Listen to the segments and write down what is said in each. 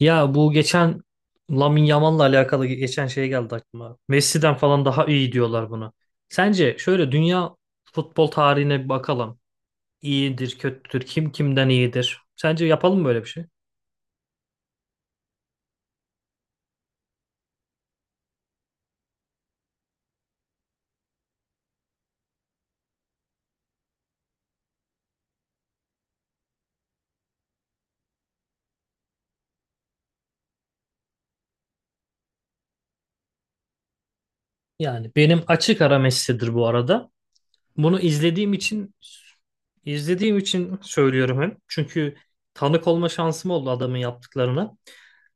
Ya bu geçen Lamine Yamal'la alakalı geçen şey geldi aklıma. Messi'den falan daha iyi diyorlar buna. Sence şöyle dünya futbol tarihine bir bakalım. İyidir, kötüdür, kim kimden iyidir? Sence yapalım mı böyle bir şey? Yani benim açık ara Messi'dir bu arada. Bunu izlediğim için söylüyorum hem. Çünkü tanık olma şansım oldu adamın yaptıklarına.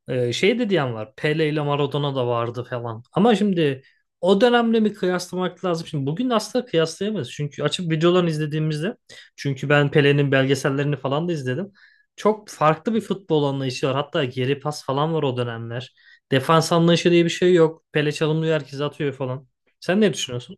Şey de diyen var. Pele ile Maradona da vardı falan. Ama şimdi o dönemle mi kıyaslamak lazım? Şimdi bugün asla kıyaslayamayız. Çünkü açıp videolarını izlediğimizde ben Pele'nin belgesellerini falan da izledim. Çok farklı bir futbol anlayışı var. Hatta geri pas falan var o dönemler. Defans anlayışı diye bir şey yok. Pele çalımlıyor, herkes atıyor falan. Sen ne düşünüyorsun?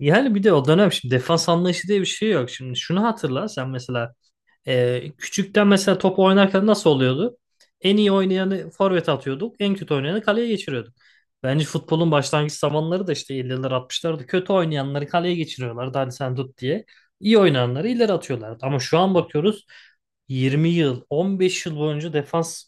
Yani bir de o dönem şimdi defans anlayışı diye bir şey yok. Şimdi şunu hatırla sen mesela. Küçükten mesela top oynarken nasıl oluyordu? En iyi oynayanı forvet atıyorduk. En kötü oynayanı kaleye geçiriyorduk. Bence futbolun başlangıç zamanları da işte 50'ler 60'larda kötü oynayanları kaleye geçiriyorlardı. Hadi sen tut diye. İyi oynayanları ileri atıyorlardı. Ama şu an bakıyoruz, 20 yıl, 15 yıl boyunca defans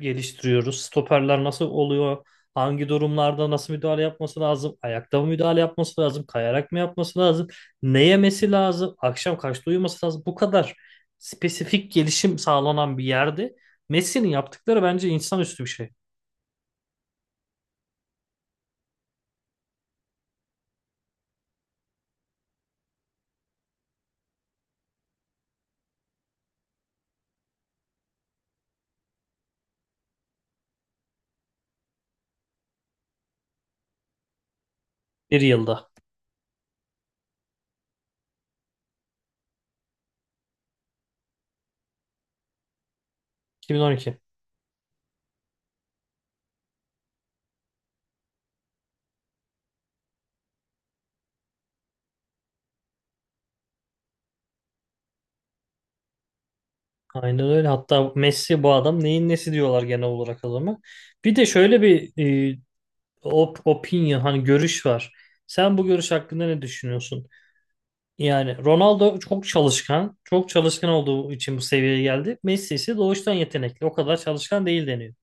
geliştiriyoruz. Stoperler nasıl oluyor? Hangi durumlarda nasıl müdahale yapması lazım? Ayakta mı müdahale yapması lazım? Kayarak mı yapması lazım? Ne yemesi lazım? Akşam kaçta uyuması lazım? Bu kadar spesifik gelişim sağlanan bir yerde Messi'nin yaptıkları bence insanüstü bir şey. Bir yılda. 2012. Aynen öyle. Hatta Messi bu adam neyin nesi diyorlar genel olarak adama. Bir de şöyle bir e, op opinion, hani, görüş var. Sen bu görüş hakkında ne düşünüyorsun? Yani Ronaldo çok çalışkan. Çok çalışkan olduğu için bu seviyeye geldi. Messi ise doğuştan yetenekli. O kadar çalışkan değil deniyor.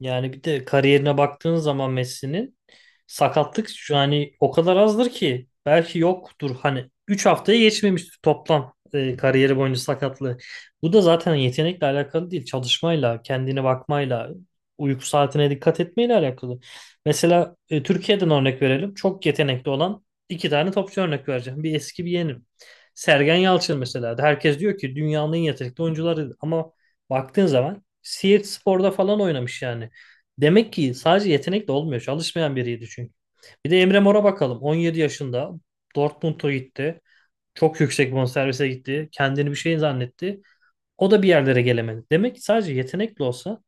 Yani bir de kariyerine baktığın zaman Messi'nin sakatlık şu hani o kadar azdır ki belki yoktur, hani 3 haftaya geçmemiştir toplam kariyeri boyunca sakatlığı. Bu da zaten yetenekle alakalı değil. Çalışmayla, kendine bakmayla, uyku saatine dikkat etmeyle alakalı. Mesela Türkiye'den örnek verelim. Çok yetenekli olan iki tane topçu örnek vereceğim. Bir eski bir yeni. Sergen Yalçın mesela. Herkes diyor ki dünyanın en yetenekli oyuncuları ama baktığın zaman Siirt Spor'da falan oynamış yani. Demek ki sadece yetenekle olmuyor. Çalışmayan biriydi çünkü. Bir de Emre Mor'a bakalım. 17 yaşında Dortmund'a gitti. Çok yüksek bonservise gitti. Kendini bir şey zannetti. O da bir yerlere gelemedi. Demek ki sadece yetenekli olsa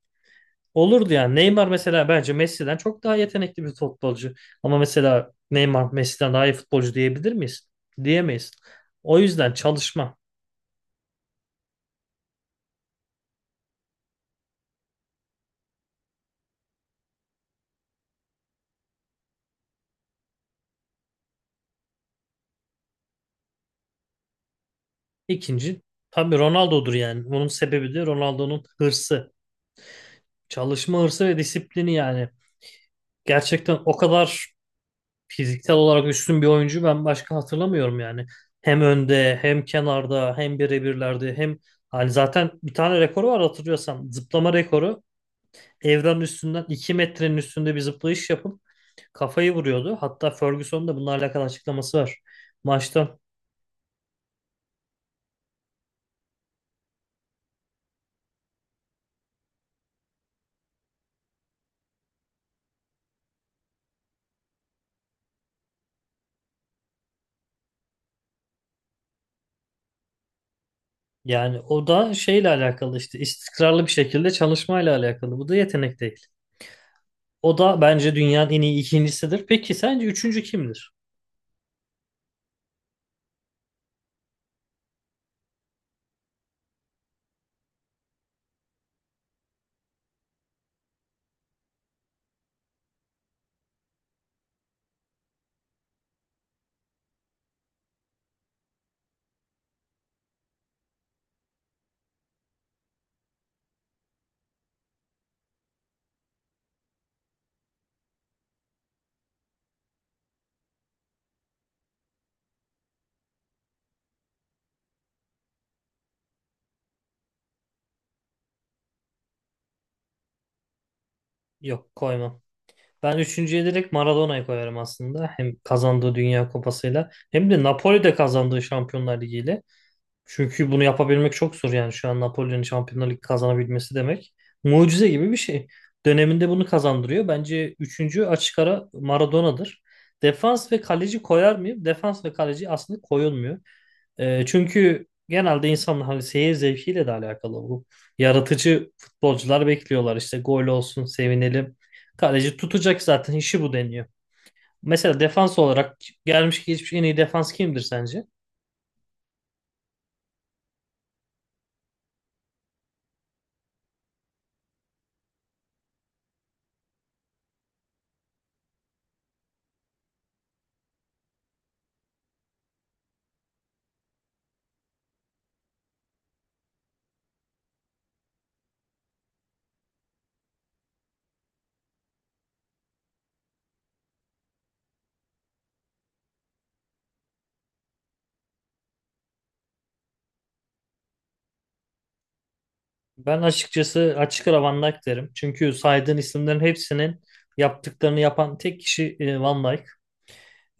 olurdu yani. Neymar mesela bence Messi'den çok daha yetenekli bir futbolcu. Ama mesela Neymar Messi'den daha iyi futbolcu diyebilir miyiz? Diyemeyiz. O yüzden çalışma. İkinci tabii Ronaldo'dur yani. Bunun sebebi de Ronaldo'nun hırsı. Çalışma hırsı ve disiplini yani. Gerçekten o kadar fiziksel olarak üstün bir oyuncu ben başka hatırlamıyorum yani. Hem önde, hem kenarda, hem birebirlerde, hem, hani, zaten bir tane rekoru var hatırlıyorsan, zıplama rekoru. Evren üstünden 2 metrenin üstünde bir zıplayış yapıp kafayı vuruyordu. Hatta Ferguson'un da bununla alakalı açıklaması var maçta. Yani o da şeyle alakalı işte, istikrarlı bir şekilde çalışmayla alakalı. Bu da yetenek değil. O da bence dünyanın en iyi ikincisidir. Peki sence üçüncü kimdir? Yok, koymam. Ben üçüncüye direkt Maradona'yı koyarım aslında. Hem kazandığı Dünya Kupası'yla hem de Napoli'de kazandığı Şampiyonlar Ligi'yle. Çünkü bunu yapabilmek çok zor yani, şu an Napoli'nin Şampiyonlar Ligi kazanabilmesi demek. Mucize gibi bir şey. Döneminde bunu kazandırıyor. Bence üçüncü açık ara Maradona'dır. Defans ve kaleci koyar mıyım? Defans ve kaleci aslında koyulmuyor. Çünkü genelde insanın hani seyir zevkiyle de alakalı bu. Yaratıcı futbolcular bekliyorlar işte, gol olsun sevinelim. Kaleci tutacak, zaten işi bu deniyor. Mesela defans olarak gelmiş geçmiş en iyi defans kimdir sence? Ben açıkçası açık ara Van Dijk derim. Çünkü saydığın isimlerin hepsinin yaptıklarını yapan tek kişi Van Dijk.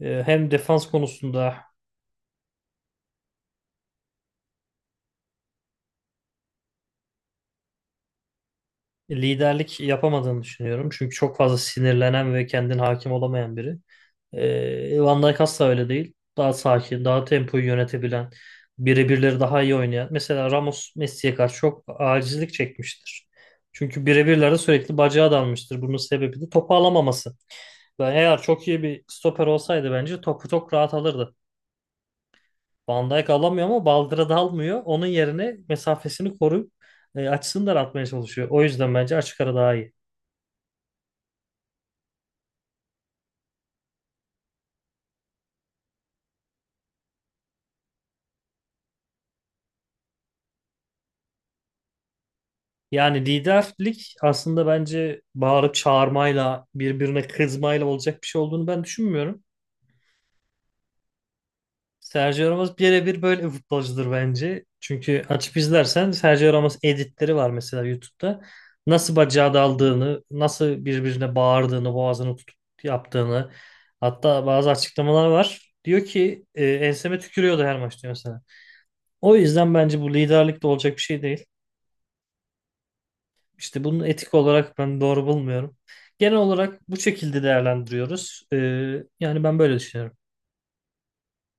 Hem defans konusunda liderlik yapamadığını düşünüyorum. Çünkü çok fazla sinirlenen ve kendine hakim olamayan biri. Van Dijk asla öyle değil. Daha sakin, daha tempoyu yönetebilen, birebirleri daha iyi oynayan. Mesela Ramos Messi'ye karşı çok acizlik çekmiştir. Çünkü birebirlerde sürekli bacağı dalmıştır. Bunun sebebi de topu alamaması. Ben eğer çok iyi bir stoper olsaydı bence topu çok rahat alırdı. Van Dijk alamıyor ama baldıra dalmıyor. Onun yerine mesafesini koruyup açısını daraltmaya çalışıyor. O yüzden bence açık ara daha iyi. Yani liderlik aslında bence bağırıp çağırmayla, birbirine kızmayla olacak bir şey olduğunu ben düşünmüyorum. Sergio Ramos birebir böyle bir futbolcudur bence. Çünkü açıp izlersen Sergio Ramos editleri var mesela YouTube'da. Nasıl bacağı daldığını, nasıl birbirine bağırdığını, boğazını tutup yaptığını. Hatta bazı açıklamalar var. Diyor ki enseme tükürüyordu her maçta mesela. O yüzden bence bu liderlik de olacak bir şey değil. İşte bunu etik olarak ben doğru bulmuyorum. Genel olarak bu şekilde değerlendiriyoruz. Yani ben böyle düşünüyorum.